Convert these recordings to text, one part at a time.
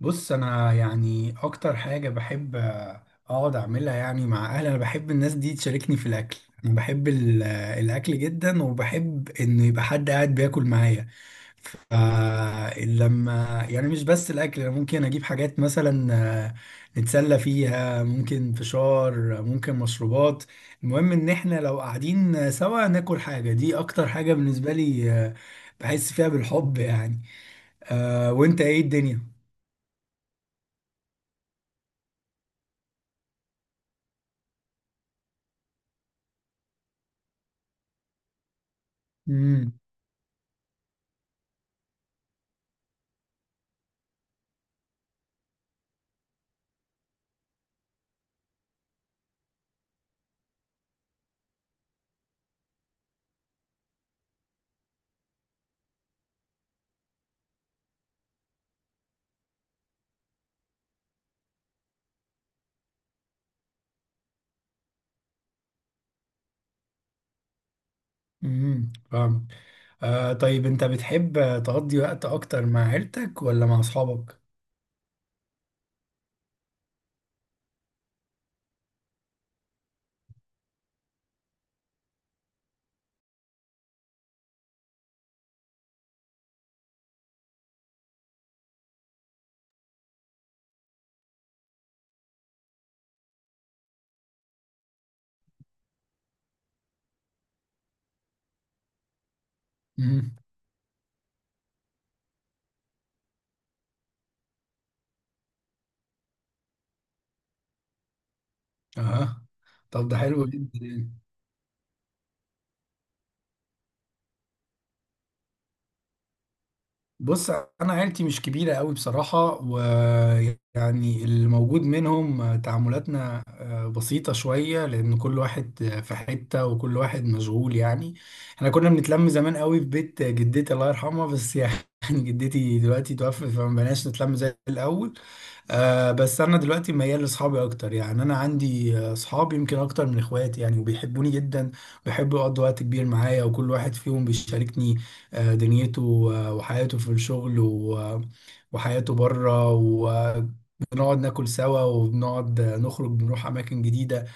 بص، انا يعني اكتر حاجه بحب اقعد اعملها، يعني مع اهلي. انا بحب الناس دي تشاركني في الاكل. انا بحب الاكل جدا، وبحب ان يبقى حد قاعد بياكل معايا. فلما يعني مش بس الاكل، انا ممكن اجيب حاجات مثلا آه، نتسلى فيها، ممكن فشار، ممكن مشروبات. المهم ان احنا لو قاعدين سوا ناكل حاجه، دي اكتر حاجه بالنسبه لي. بحس فيها بالحب يعني. وانت ايه الدنيا؟ مم. امم، فاهم. طيب، انت بتحب تقضي وقت اكتر مع عيلتك ولا مع اصحابك؟ امم. اه. طب ده حلو جدا يعني. بص، انا عيلتي مش كبيره قوي بصراحه. ويعني اللي موجود منهم، تعاملاتنا بسيطه شويه، لان كل واحد في حته وكل واحد مشغول يعني. احنا كنا بنتلم زمان قوي في بيت جدتي، الله يرحمها، بس يعني جدتي دلوقتي توفت، فما بقناش نتلم زي الاول. بس انا دلوقتي ميال لاصحابي اكتر، يعني انا عندي اصحاب يمكن اكتر من اخواتي يعني، وبيحبوني جدا، بيحبوا يقضوا وقت كبير معايا، وكل واحد فيهم بيشاركني دنيته وحياته في الشغل وحياته بره، وبنقعد ناكل سوا، وبنقعد نخرج، بنروح اماكن جديدة.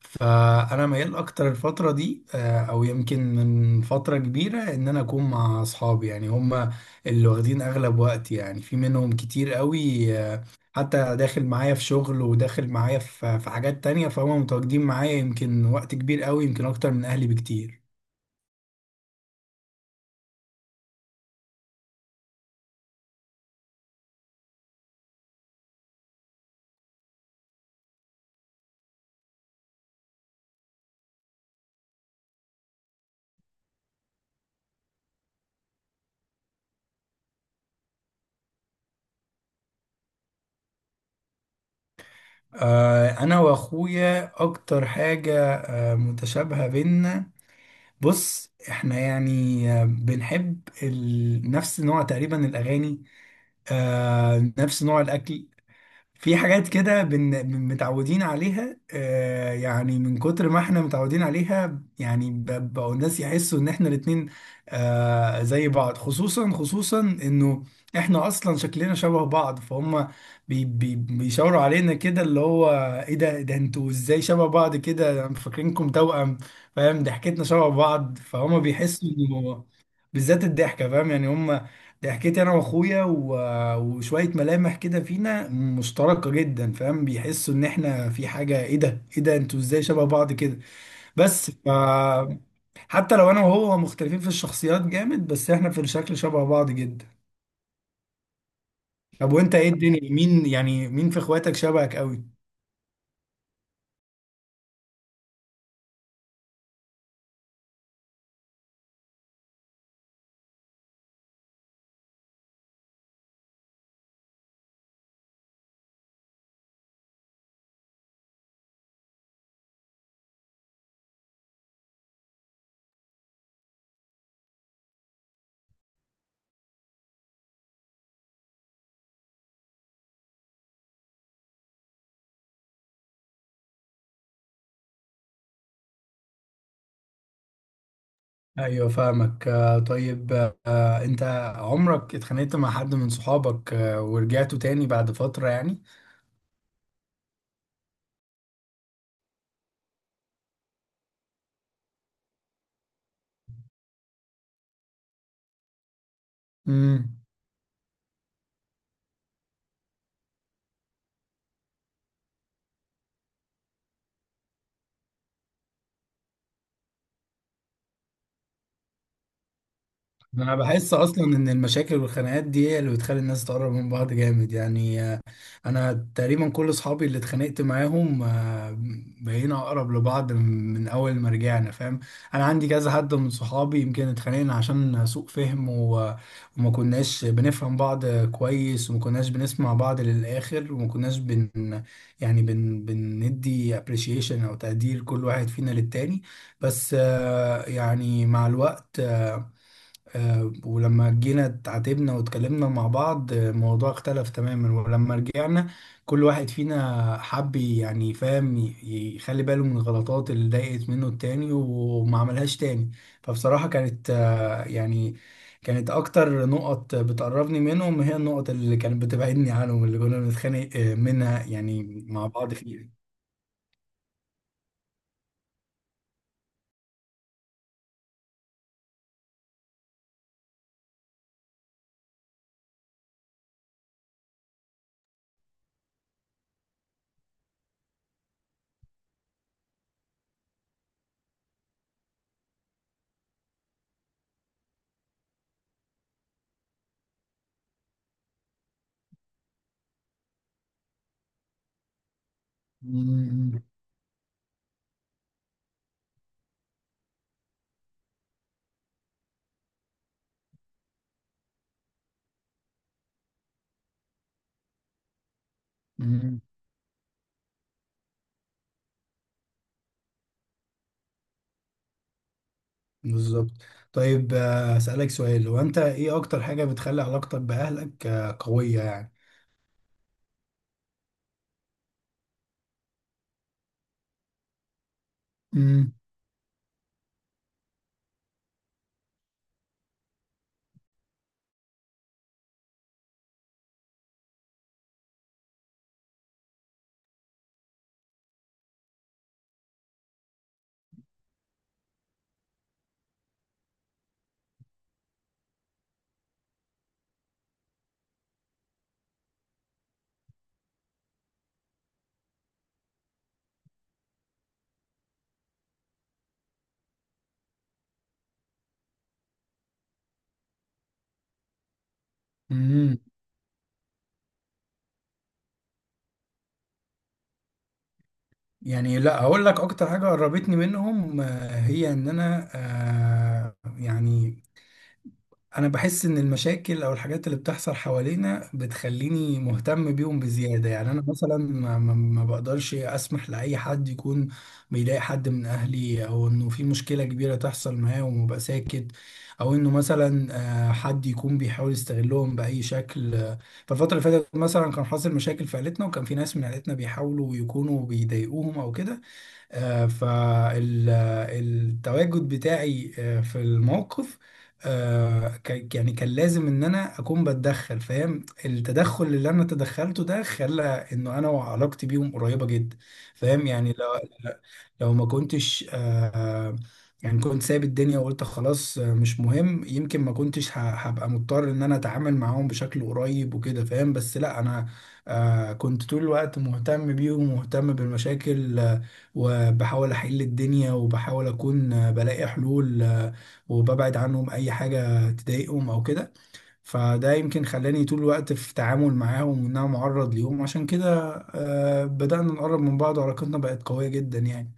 فانا ميال اكتر الفتره دي، او يمكن من فتره كبيره، ان انا اكون مع اصحابي، يعني هم اللي واخدين اغلب وقتي، يعني في منهم كتير قوي، حتى داخل معايا في شغل، وداخل معايا في حاجات تانية، فهم متواجدين معايا يمكن وقت كبير قوي، يمكن اكتر من اهلي بكتير. انا واخويا اكتر حاجه متشابهه بينا. بص، احنا يعني بنحب نفس نوع تقريبا الاغاني، نفس نوع الاكل. في حاجات كده متعودين عليها، يعني من كتر ما احنا متعودين عليها يعني بقوا الناس يحسوا ان احنا الاتنين زي بعض، خصوصا خصوصا انه احنا اصلا شكلنا شبه بعض، فهم بيشاوروا علينا كده، اللي هو ايه ده، إيه ده، انتوا ازاي شبه بعض كده؟ أنا فاكرينكم توأم، فاهم. ضحكتنا شبه بعض، فهم بيحسوا انه، بالذات الضحكة، فاهم يعني هم دي. حكيت انا واخويا وشويه ملامح كده فينا مشتركه جدا، فاهم؟ بيحسوا ان احنا في حاجه، ايه ده، ايه ده، انتوا ازاي شبه بعض كده؟ بس حتى لو انا وهو مختلفين في الشخصيات جامد، بس احنا في الشكل شبه بعض جدا. طب وانت ايه الدنيا، مين يعني، مين في اخواتك شبهك قوي؟ ايوه فاهمك. طيب، انت عمرك اتخانقت مع حد من صحابك ورجعتوا تاني بعد فتره يعني؟ امم. انا بحس اصلا ان المشاكل والخناقات دي هي اللي بتخلي الناس تقرب من بعض جامد يعني. انا تقريبا كل اصحابي اللي اتخانقت معاهم، بقينا اقرب لبعض من اول ما رجعنا، فاهم. انا عندي كذا حد من صحابي يمكن اتخانقنا عشان سوء فهم، وما كناش بنفهم بعض كويس، وما كناش بنسمع بعض للاخر، وما كناش يعني بندي appreciation او تقدير كل واحد فينا للتاني. بس يعني مع الوقت، ولما جينا اتعاتبنا واتكلمنا مع بعض، الموضوع اختلف تماما. ولما رجعنا، كل واحد فينا حب يعني، فاهم، يخلي باله من الغلطات اللي ضايقت منه التاني وما عملهاش تاني. فبصراحة كانت يعني كانت أكتر نقط بتقربني منهم هي النقط اللي كانت بتبعدني عنهم، اللي كنا بنتخانق منها يعني مع بعض فيها. بالظبط. طيب، أسألك سؤال، هو أنت إيه أكتر حاجة بتخلي علاقتك بأهلك قوية يعني؟ امم. امم. يعني لا اقول لك، اكتر حاجه قربتني منهم، هي ان انا، يعني انا بحس ان المشاكل او الحاجات اللي بتحصل حوالينا بتخليني مهتم بيهم بزيادة. يعني انا مثلا ما بقدرش اسمح لاي حد يكون بيضايق حد من اهلي، او انه في مشكلة كبيرة تحصل معاه ومبقى ساكت، او انه مثلا حد يكون بيحاول يستغلهم باي شكل. فالفترة اللي فاتت مثلا كان حاصل مشاكل في عيلتنا، وكان في ناس من عيلتنا بيحاولوا يكونوا بيضايقوهم او كده. فالتواجد بتاعي في الموقف، يعني كان لازم ان انا اكون بتدخل، فاهم. التدخل اللي انا تدخلته ده خلى انه انا وعلاقتي بيهم قريبة جدا، فاهم؟ يعني لو ما كنتش، يعني كنت سايب الدنيا وقلت خلاص، مش مهم، يمكن ما كنتش هبقى مضطر ان انا اتعامل معاهم بشكل قريب وكده، فاهم. بس لا، انا كنت طول الوقت مهتم بيهم ومهتم بالمشاكل، وبحاول احل الدنيا، وبحاول اكون بلاقي حلول، وببعد عنهم اي حاجة تضايقهم او كده. فده يمكن خلاني طول الوقت في تعامل معاهم، وان انا معرض ليهم، عشان كده بدأنا نقرب من بعض وعلاقتنا بقت قوية جدا يعني.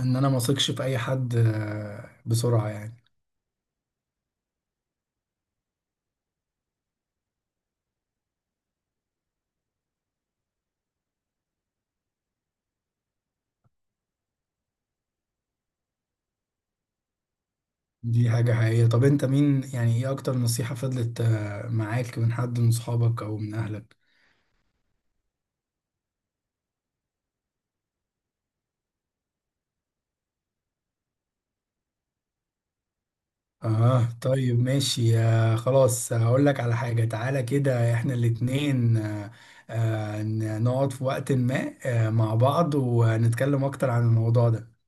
ان انا ما اثقش في اي حد بسرعة يعني. دي حاجة حقيقية. طب انت مين يعني، ايه اكتر نصيحة فضلت معاك من حد من صحابك او من اهلك؟ اه طيب، ماشي. خلاص، هقول لك على حاجة، تعالى كده احنا الاتنين، آه، نقعد في وقت ما مع بعض ونتكلم اكتر عن الموضوع ده.